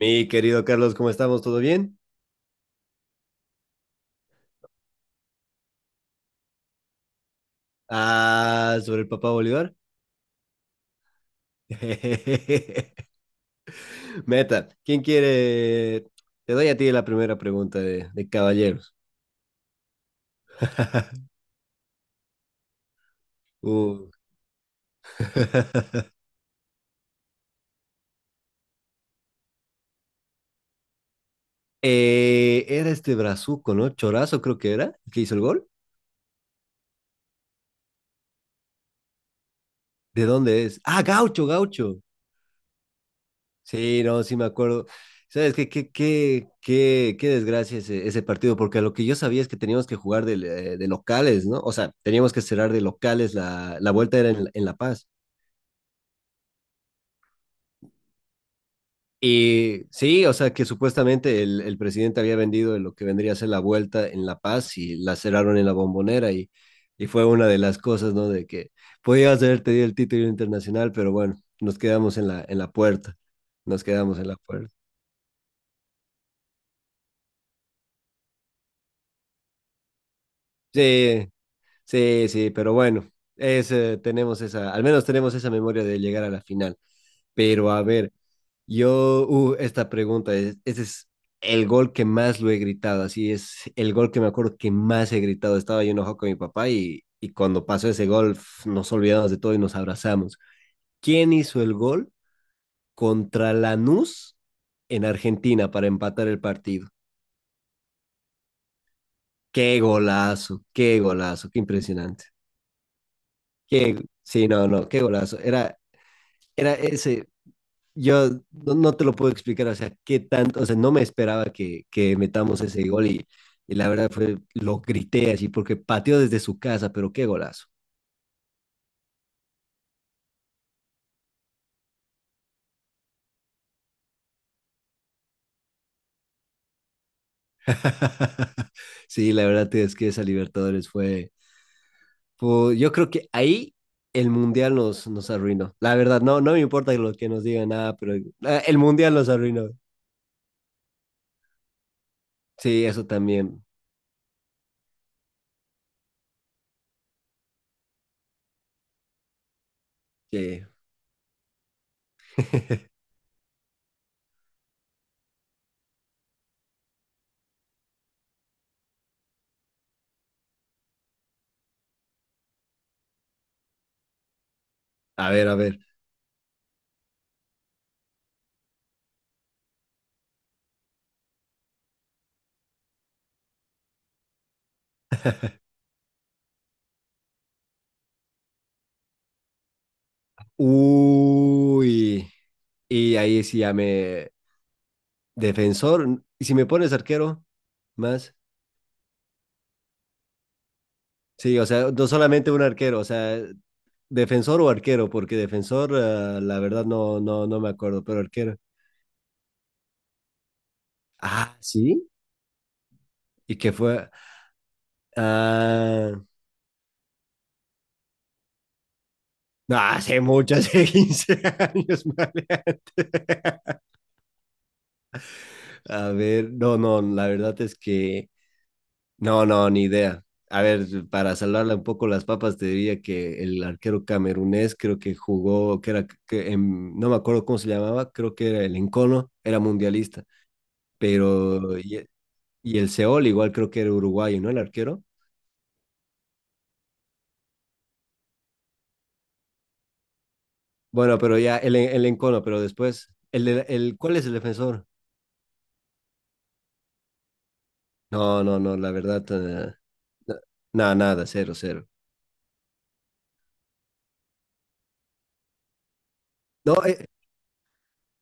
Mi querido Carlos, ¿cómo estamos? ¿Todo bien? Ah, sobre el papá Bolívar. Meta, ¿quién quiere? Te doy a ti la primera pregunta de caballeros. Uh. Era este brazuco, ¿no? Chorazo creo que era, el que hizo el gol. ¿De dónde es? Ah, Gaucho, Gaucho. Sí, no, sí me acuerdo. ¿Sabes qué desgracia ese partido? Porque lo que yo sabía es que teníamos que jugar de locales, ¿no? O sea, teníamos que cerrar de locales, la vuelta era en La Paz. Y sí, o sea, que supuestamente el presidente había vendido lo que vendría a ser la vuelta en La Paz y la cerraron en la Bombonera y fue una de las cosas, ¿no? De que podías haber tenido el título internacional, pero bueno, nos quedamos en la puerta, nos quedamos en la puerta. Sí. Sí, sí, pero bueno, es, tenemos esa, al menos tenemos esa memoria de llegar a la final. Pero a ver, yo, esta pregunta es, ese es el gol que más lo he gritado, así es el gol que me acuerdo que más he gritado. Estaba yo enojado con mi papá y cuando pasó ese gol pf, nos olvidamos de todo y nos abrazamos. ¿Quién hizo el gol contra Lanús en Argentina para empatar el partido? Qué golazo, qué golazo, qué impresionante. Qué, sí, no, no, qué golazo. Era ese. Yo no, no te lo puedo explicar, o sea, qué tanto, o sea, no me esperaba que metamos ese gol y la verdad fue, lo grité así porque pateó desde su casa, pero qué golazo. Sí, la verdad es que esa Libertadores fue, fue- yo creo que ahí el Mundial nos, nos arruinó. La verdad, no, no me importa lo que nos digan nada, pero el Mundial nos arruinó. Sí, eso también. Sí. A ver, a ver. Uy. Y ahí sí ya me, defensor, y si me pones arquero, más. Sí, o sea, no solamente un arquero, o sea, defensor o arquero, porque defensor, la verdad no, no, no me acuerdo, pero arquero. Ah, sí. ¿Y qué fue? Ah, no, hace mucho, hace 15 años, maleante. A ver, no, no, la verdad es que no, no, ni idea. A ver, para salvarle un poco las papas, te diría que el arquero camerunés creo que jugó, que era, que en- no me acuerdo cómo se llamaba, creo que era el Encono, era mundialista, pero, y el Seol igual creo que era uruguayo, ¿no? El arquero. Bueno, pero ya, el Encono, pero después, el, de- el, ¿cuál es el defensor? No, no, no, la verdad, na- nada, nada, cero, cero. No, e-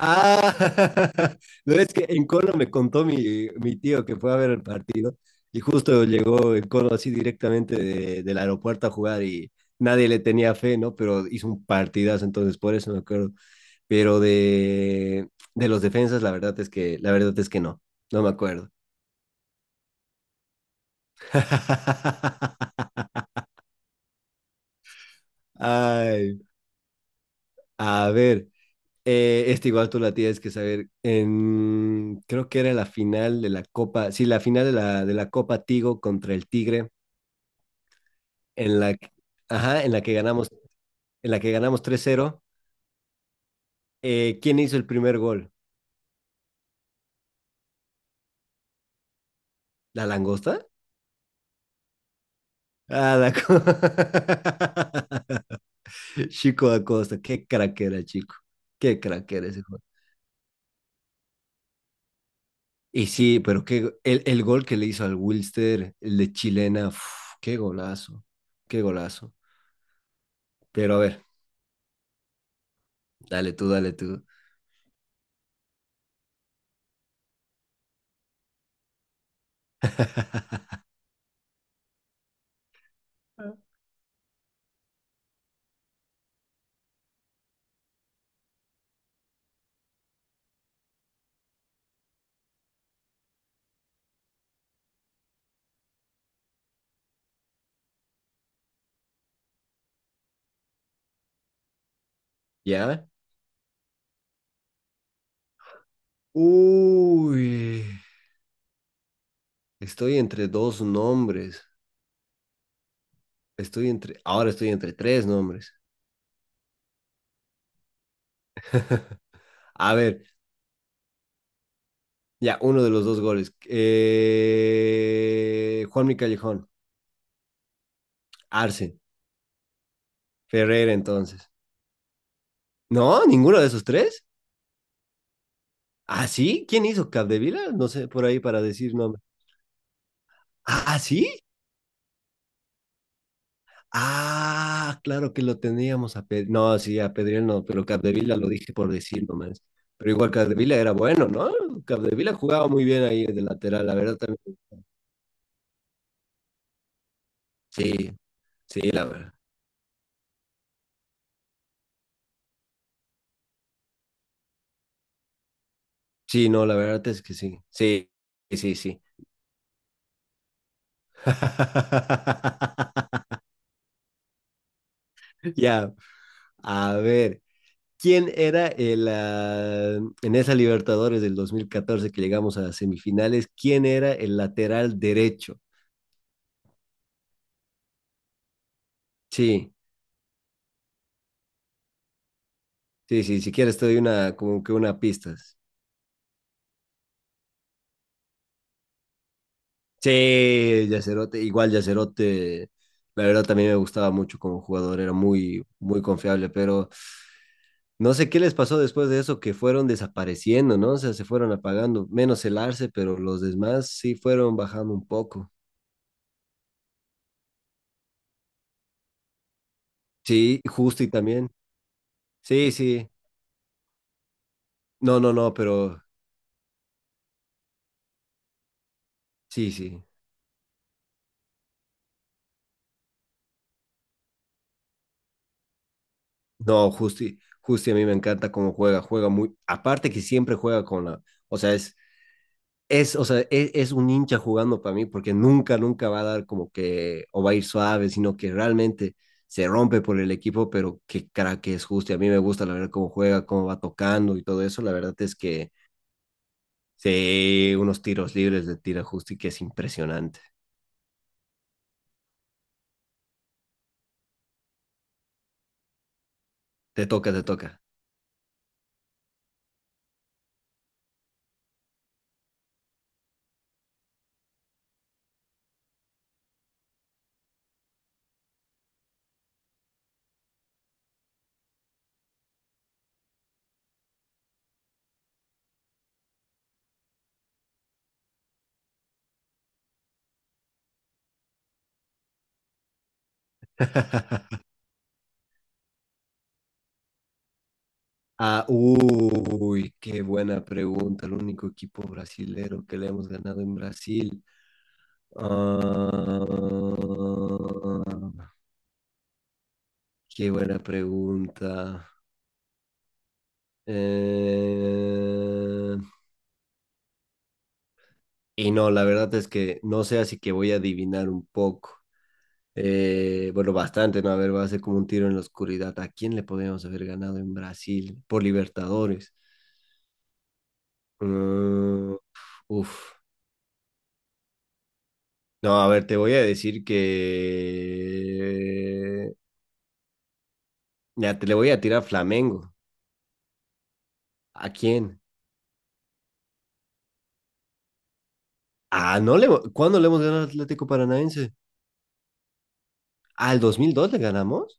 Ah, no es que en Cono me contó mi, mi tío que fue a ver el partido y justo llegó en Cono así directamente de- del aeropuerto a jugar y nadie le tenía fe, ¿no? Pero hizo un partidazo, entonces por eso me acuerdo. Pero de los defensas, la verdad es que, la verdad es que no, no me acuerdo. Ay, a ver, este igual tú la tienes que saber. En, creo que era la final de la Copa, sí, la final de la Copa Tigo contra el Tigre, en la, que- ajá, en la que ganamos, en la que ganamos 3-0. ¿Quién hizo el primer gol? ¿La langosta? Ah, la co- Chico Acosta, qué crack era, chico. Qué crack era ese gol. Y sí, pero qué, go- el gol que le hizo al Wilster, el de Chilena, uf, qué golazo, qué golazo. Pero a ver, dale tú, dale tú. ¿Ya? Uy, estoy entre dos nombres. Estoy entre, ahora estoy entre tres nombres. A ver, ya, uno de los dos goles. Juanmi Callejón, Arce, Ferreira entonces. No, ninguno de esos tres. ¿Ah, sí? ¿Quién hizo Capdevila? No sé, por ahí para decir nombre. ¿Ah, sí? Ah, claro que lo teníamos a Pedri. No, sí, a Pedri no, pero Capdevila lo dije por decir nomás. Pero igual Capdevila era bueno, ¿no? Capdevila jugaba muy bien ahí de lateral, la verdad también. Sí, sí, la verdad. Sí, no, la verdad es que sí. Sí, sí, sí. Ya, a ver. ¿Quién era el, en esa Libertadores del 2014 que llegamos a las semifinales? ¿Quién era el lateral derecho? Sí. Sí, sí, si quieres te doy una, como que una pista. Sí, Yacerote, igual Yacerote, la verdad también me gustaba mucho como jugador, era muy, muy confiable, pero no sé qué les pasó después de eso, que fueron desapareciendo, ¿no? O sea, se fueron apagando, menos el Arce, pero los demás sí fueron bajando un poco. Sí, Justi también. Sí, sí. No, no, no, pero sí, sí. No, Justi, Justi a mí me encanta cómo juega, juega muy, aparte que siempre juega con la, o sea, es, o sea, es, un hincha jugando para mí porque nunca, nunca va a dar como que o va a ir suave, sino que realmente se rompe por el equipo, pero qué cara que es justi a mí me gusta la verdad cómo juega, cómo va tocando y todo eso. La verdad es que sí, unos tiros libres de tira justi que es impresionante. Te toca, te toca. Ah, uy, qué buena pregunta. El único equipo brasilero que le hemos ganado en Brasil. Uh... Qué buena pregunta. Eh, Y no, la verdad es que no sé, así que voy a adivinar un poco. Bueno, bastante, ¿no? A ver, va a ser como un tiro en la oscuridad. ¿A quién le podríamos haber ganado en Brasil por Libertadores? Mm, uf. No, a ver, te voy a decir que... Ya, te le voy a tirar Flamengo. ¿A quién? Ah, no le... ¿Cuándo le hemos ganado al Atlético Paranaense? Ah, ¿el 2002 le ganamos?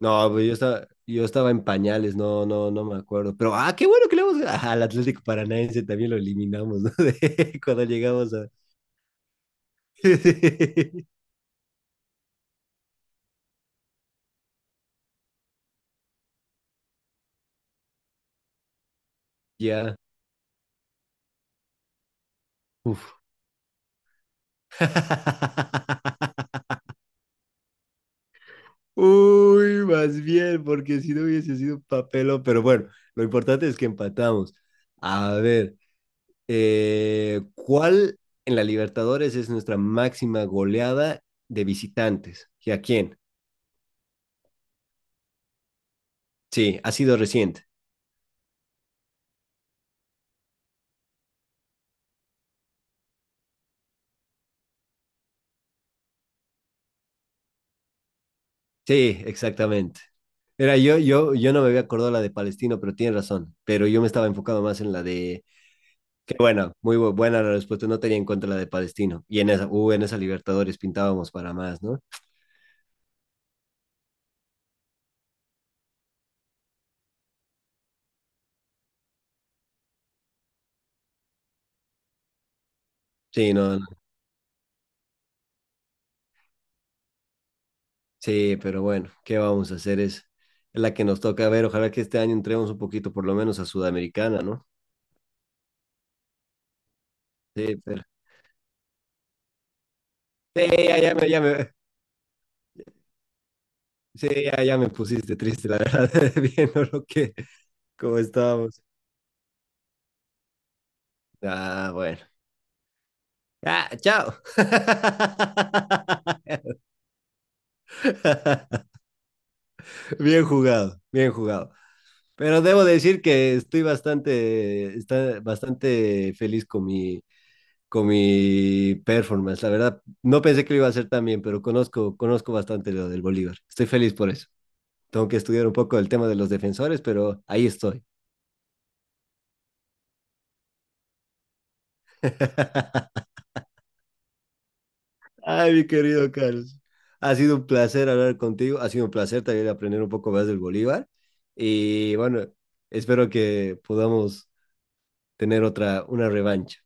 No, pues yo estaba en pañales, no, no, no me acuerdo. Pero, ah, qué bueno que le vamos ah, al Atlético Paranaense también lo eliminamos, ¿no? De- cuando llegamos a... Ya, uf. Uy, más bien, porque si no hubiese sido un papelón. Pero bueno, lo importante es que empatamos. A ver, ¿cuál en la Libertadores es nuestra máxima goleada de visitantes? ¿Y a quién? Sí, ha sido reciente. Sí, exactamente. Era yo no me había acordado la de Palestino, pero tienes razón. Pero yo me estaba enfocado más en la de, que bueno, muy bu- buena la respuesta, no tenía en cuenta la de Palestino. Y en esa Libertadores pintábamos para más, ¿no? Sí, no, no. Sí, pero bueno, ¿qué vamos a hacer? Es la que nos toca ver. Ojalá que este año entremos un poquito, por lo menos, a Sudamericana, ¿no? Sí, pero, sí, ya, ya me, sí, ya, ya me pusiste triste, la verdad, viendo lo que, cómo estábamos. Ah, bueno. Ah, chao. Bien jugado, bien jugado. Pero debo decir que estoy bastante, está bastante feliz con mi performance. La verdad, no pensé que lo iba a hacer tan bien, pero conozco, conozco bastante lo del Bolívar. Estoy feliz por eso. Tengo que estudiar un poco el tema de los defensores, pero ahí estoy. Ay, mi querido Carlos. Ha sido un placer hablar contigo. Ha sido un placer también aprender un poco más del Bolívar. Y bueno, espero que podamos tener otra, una revancha.